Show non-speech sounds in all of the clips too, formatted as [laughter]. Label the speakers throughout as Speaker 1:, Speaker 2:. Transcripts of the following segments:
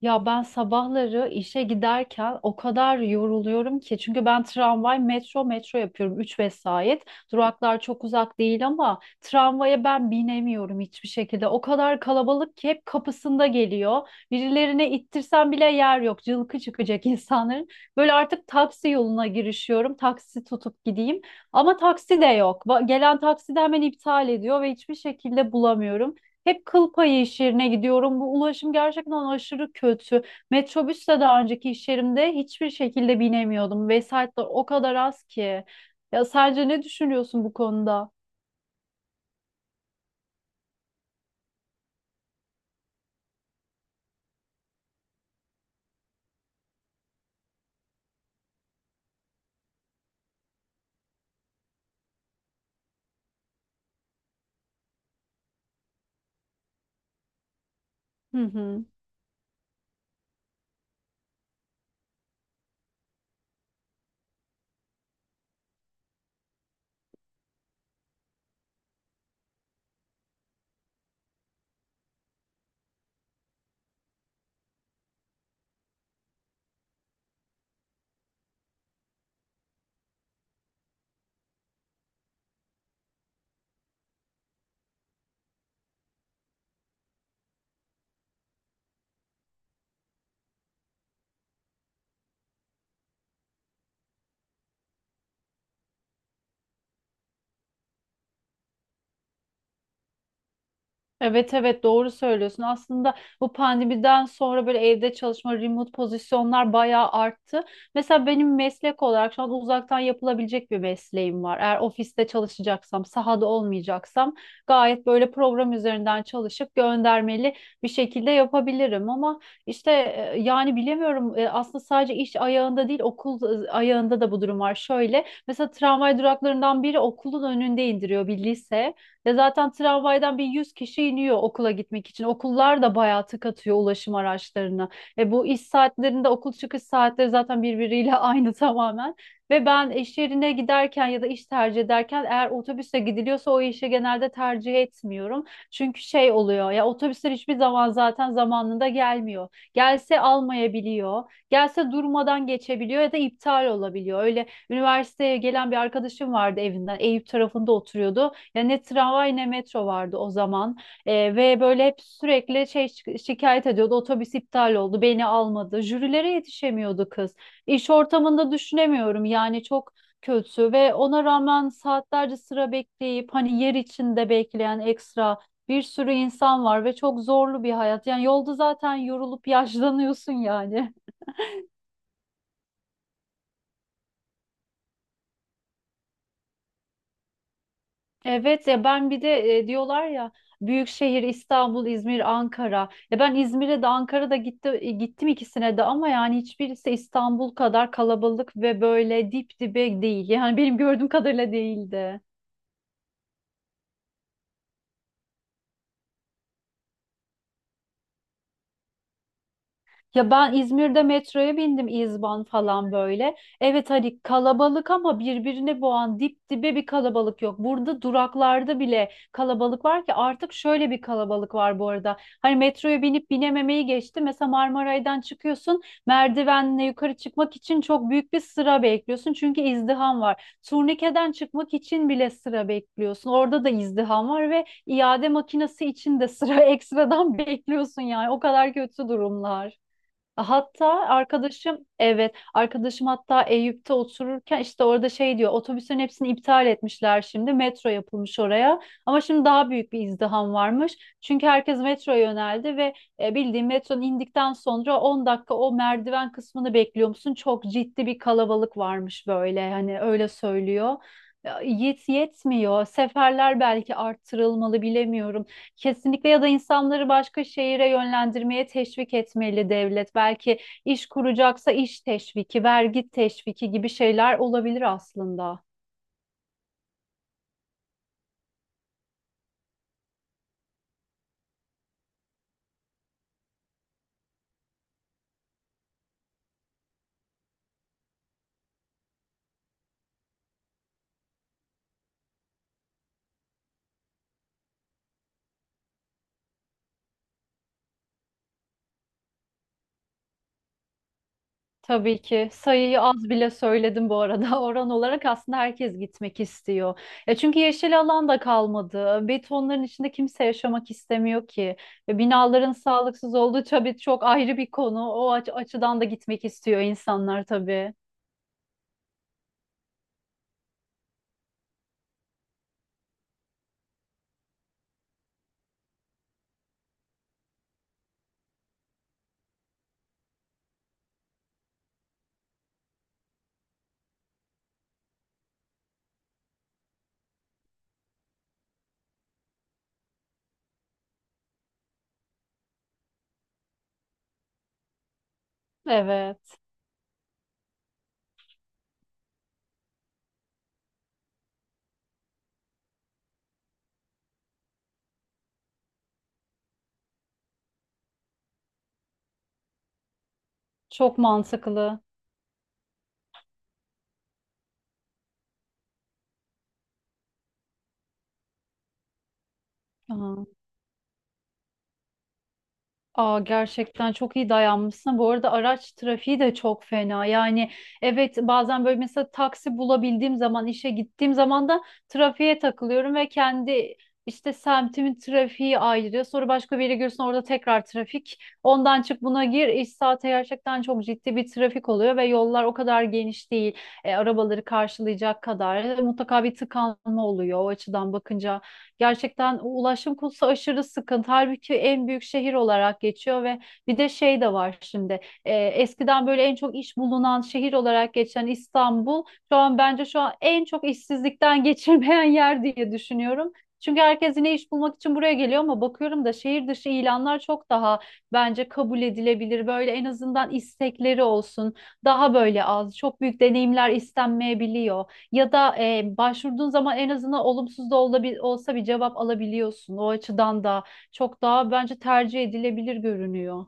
Speaker 1: Ya ben sabahları işe giderken o kadar yoruluyorum ki çünkü ben tramvay, metro yapıyorum 3 vesait. Duraklar çok uzak değil ama tramvaya ben binemiyorum hiçbir şekilde. O kadar kalabalık ki hep kapısında geliyor. Birilerine ittirsem bile yer yok. Cılkı çıkacak [laughs] insanların. Böyle artık taksi yoluna girişiyorum. Taksi tutup gideyim. Ama taksi de yok. Gelen taksi de hemen iptal ediyor ve hiçbir şekilde bulamıyorum. Hep kıl payı iş yerine gidiyorum. Bu ulaşım gerçekten aşırı kötü. Metrobüste daha önceki iş yerimde hiçbir şekilde binemiyordum. Vesayetler o kadar az ki. Ya sence ne düşünüyorsun bu konuda? Hı hı. Evet, evet, doğru söylüyorsun. Aslında bu pandemiden sonra böyle evde çalışma, remote pozisyonlar bayağı arttı. Mesela benim meslek olarak şu an uzaktan yapılabilecek bir mesleğim var. Eğer ofiste çalışacaksam, sahada olmayacaksam gayet böyle program üzerinden çalışıp göndermeli bir şekilde yapabilirim. Ama işte yani bilemiyorum. Aslında sadece iş ayağında değil okul ayağında da bu durum var. Şöyle mesela tramvay duraklarından biri okulun önünde indiriyor bir lise. Ve zaten tramvaydan bir 100 kişi iniyor okula gitmek için. Okullar da bayağı tık atıyor ulaşım araçlarına. Bu iş saatlerinde okul çıkış saatleri zaten birbiriyle [laughs] aynı tamamen. Ve ben iş yerine giderken ya da iş tercih ederken eğer otobüse gidiliyorsa o işi genelde tercih etmiyorum. Çünkü şey oluyor ya, otobüsler hiçbir zaman zaten zamanında gelmiyor. Gelse almayabiliyor. Gelse durmadan geçebiliyor ya da iptal olabiliyor. Öyle üniversiteye gelen bir arkadaşım vardı evinden. Eyüp tarafında oturuyordu. Ya ne tramvay ne metro vardı o zaman. Ve böyle hep sürekli şikayet ediyordu. Otobüs iptal oldu, beni almadı. Jürilere yetişemiyordu kız. İş ortamında düşünemiyorum. Yani çok kötü ve ona rağmen saatlerce sıra bekleyip hani yer içinde bekleyen ekstra bir sürü insan var ve çok zorlu bir hayat. Yani yolda zaten yorulup [laughs] yaşlanıyorsun yani. Evet ya, ben bir de diyorlar ya, büyük şehir İstanbul, İzmir, Ankara. Ya ben İzmir'e de Ankara'da gittim ikisine de ama yani hiçbirisi İstanbul kadar kalabalık ve böyle dip dibe değil. Yani benim gördüğüm kadarıyla değildi. Ya ben İzmir'de metroya bindim İzban falan böyle. Evet hani kalabalık ama birbirine boğan dip dibe bir kalabalık yok. Burada duraklarda bile kalabalık var ki, artık şöyle bir kalabalık var bu arada. Hani metroya binip binememeyi geçti. Mesela Marmaray'dan çıkıyorsun, merdivenle yukarı çıkmak için çok büyük bir sıra bekliyorsun. Çünkü izdiham var. Turnikeden çıkmak için bile sıra bekliyorsun. Orada da izdiham var ve iade makinesi için de sıra [laughs] ekstradan bekliyorsun yani. O kadar kötü durumlar. Hatta arkadaşım, evet, arkadaşım hatta Eyüp'te otururken işte orada şey diyor, otobüslerin hepsini iptal etmişler, şimdi metro yapılmış oraya ama şimdi daha büyük bir izdiham varmış çünkü herkes metroya yöneldi ve bildiğin metronun indikten sonra 10 dakika o merdiven kısmını bekliyor musun, çok ciddi bir kalabalık varmış böyle, hani öyle söylüyor. Ya, yetmiyor seferler, belki arttırılmalı, bilemiyorum. Kesinlikle, ya da insanları başka şehire yönlendirmeye teşvik etmeli devlet. Belki iş kuracaksa iş teşviki, vergi teşviki gibi şeyler olabilir aslında. Tabii ki sayıyı az bile söyledim bu arada. [laughs] Oran olarak aslında herkes gitmek istiyor. Ya çünkü yeşil alan da kalmadı. Betonların içinde kimse yaşamak istemiyor ki. Ve binaların sağlıksız olduğu tabii çok ayrı bir konu. O açıdan da gitmek istiyor insanlar tabii. Evet. Çok mantıklı. Aa, gerçekten çok iyi dayanmışsın. Bu arada araç trafiği de çok fena. Yani evet, bazen böyle mesela taksi bulabildiğim zaman, işe gittiğim zaman da trafiğe takılıyorum ve kendi işte semtimin trafiği ayrı. Sonra başka bir yere giriyorsun, orada tekrar trafik. Ondan çık buna gir. İş saati gerçekten çok ciddi bir trafik oluyor ve yollar o kadar geniş değil. Arabaları karşılayacak kadar. Mutlaka bir tıkanma oluyor o açıdan bakınca. Gerçekten o ulaşım konusu aşırı sıkıntı. Halbuki en büyük şehir olarak geçiyor ve bir de şey de var şimdi. Eskiden böyle en çok iş bulunan şehir olarak geçen İstanbul şu an bence şu an en çok işsizlikten [laughs] geçirmeyen yer diye düşünüyorum. Çünkü herkes yine iş bulmak için buraya geliyor ama bakıyorum da şehir dışı ilanlar çok daha bence kabul edilebilir. Böyle en azından istekleri olsun. Daha böyle az, çok büyük deneyimler istenmeyebiliyor ya da başvurduğun zaman en azından olumsuz da olsa bir cevap alabiliyorsun. O açıdan da çok daha bence tercih edilebilir görünüyor.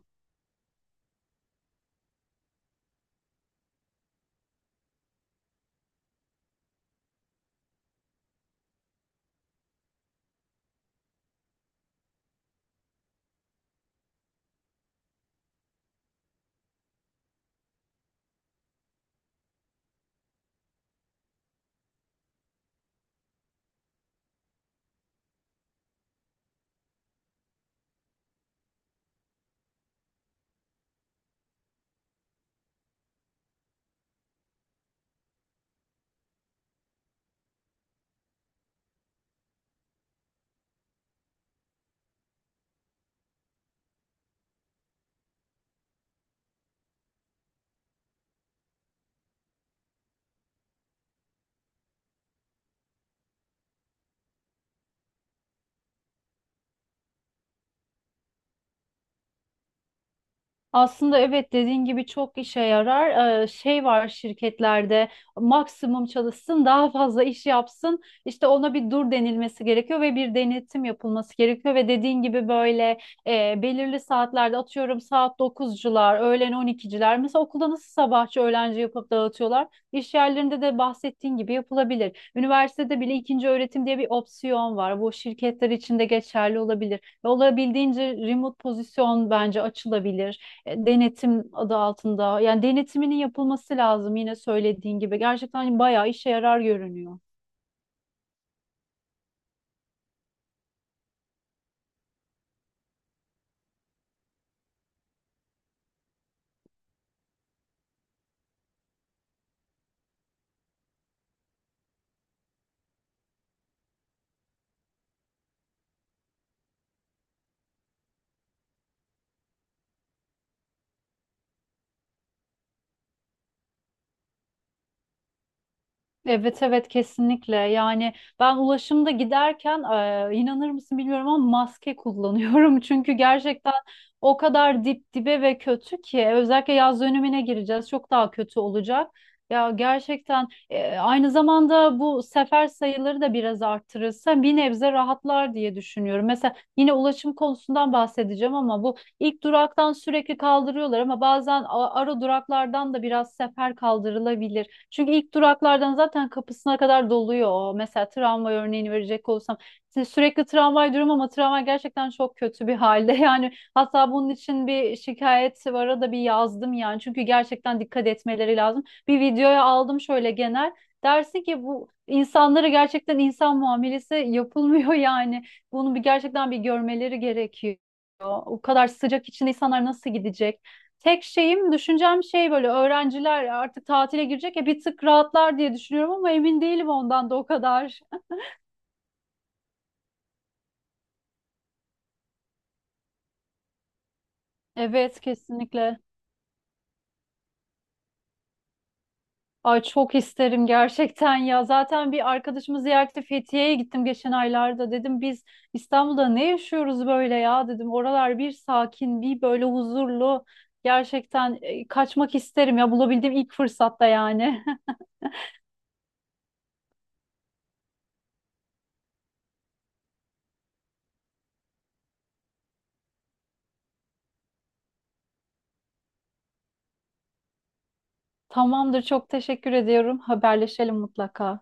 Speaker 1: Aslında evet, dediğin gibi çok işe yarar. Şey var şirketlerde, maksimum çalışsın daha fazla iş yapsın. İşte ona bir dur denilmesi gerekiyor ve bir denetim yapılması gerekiyor. Ve dediğin gibi böyle belirli saatlerde atıyorum saat dokuzcular, öğlen on ikiciler. Mesela okulda nasıl sabahçı öğlenci yapıp dağıtıyorlar. İş yerlerinde de bahsettiğin gibi yapılabilir. Üniversitede bile ikinci öğretim diye bir opsiyon var. Bu şirketler için de geçerli olabilir. Ve olabildiğince remote pozisyon bence açılabilir denetim adı altında. Yani denetiminin yapılması lazım yine söylediğin gibi. Gerçekten bayağı işe yarar görünüyor. Evet, evet, kesinlikle yani ben ulaşımda giderken inanır mısın bilmiyorum ama maske kullanıyorum [laughs] çünkü gerçekten o kadar dip dibe ve kötü ki, özellikle yaz dönemine gireceğiz, çok daha kötü olacak. Ya gerçekten aynı zamanda bu sefer sayıları da biraz arttırırsa bir nebze rahatlar diye düşünüyorum. Mesela yine ulaşım konusundan bahsedeceğim ama bu ilk duraktan sürekli kaldırıyorlar, ama bazen ara duraklardan da biraz sefer kaldırılabilir. Çünkü ilk duraklardan zaten kapısına kadar doluyor. O. Mesela tramvay örneğini verecek olursam, şimdi sürekli tramvay durum ama tramvay gerçekten çok kötü bir halde. [laughs] Yani hatta bunun için bir şikayet vara da bir yazdım yani. Çünkü gerçekten dikkat etmeleri lazım. Bir videoya aldım şöyle genel. Dersin ki bu insanlara gerçekten insan muamelesi [laughs] yapılmıyor yani. Bunu bir gerçekten bir görmeleri gerekiyor. O kadar sıcak içinde insanlar nasıl gidecek? Tek şeyim, düşüncem şey, böyle öğrenciler artık tatile girecek ya, bir tık rahatlar diye düşünüyorum ama emin değilim ondan da o kadar. Evet kesinlikle. Ay çok isterim gerçekten ya. Zaten bir arkadaşımı ziyarete Fethiye'ye gittim geçen aylarda. Dedim biz İstanbul'da ne yaşıyoruz böyle ya dedim. Oralar bir sakin, bir böyle huzurlu. Gerçekten kaçmak isterim ya bulabildiğim ilk fırsatta yani. [laughs] Tamamdır, çok teşekkür ediyorum. Haberleşelim mutlaka.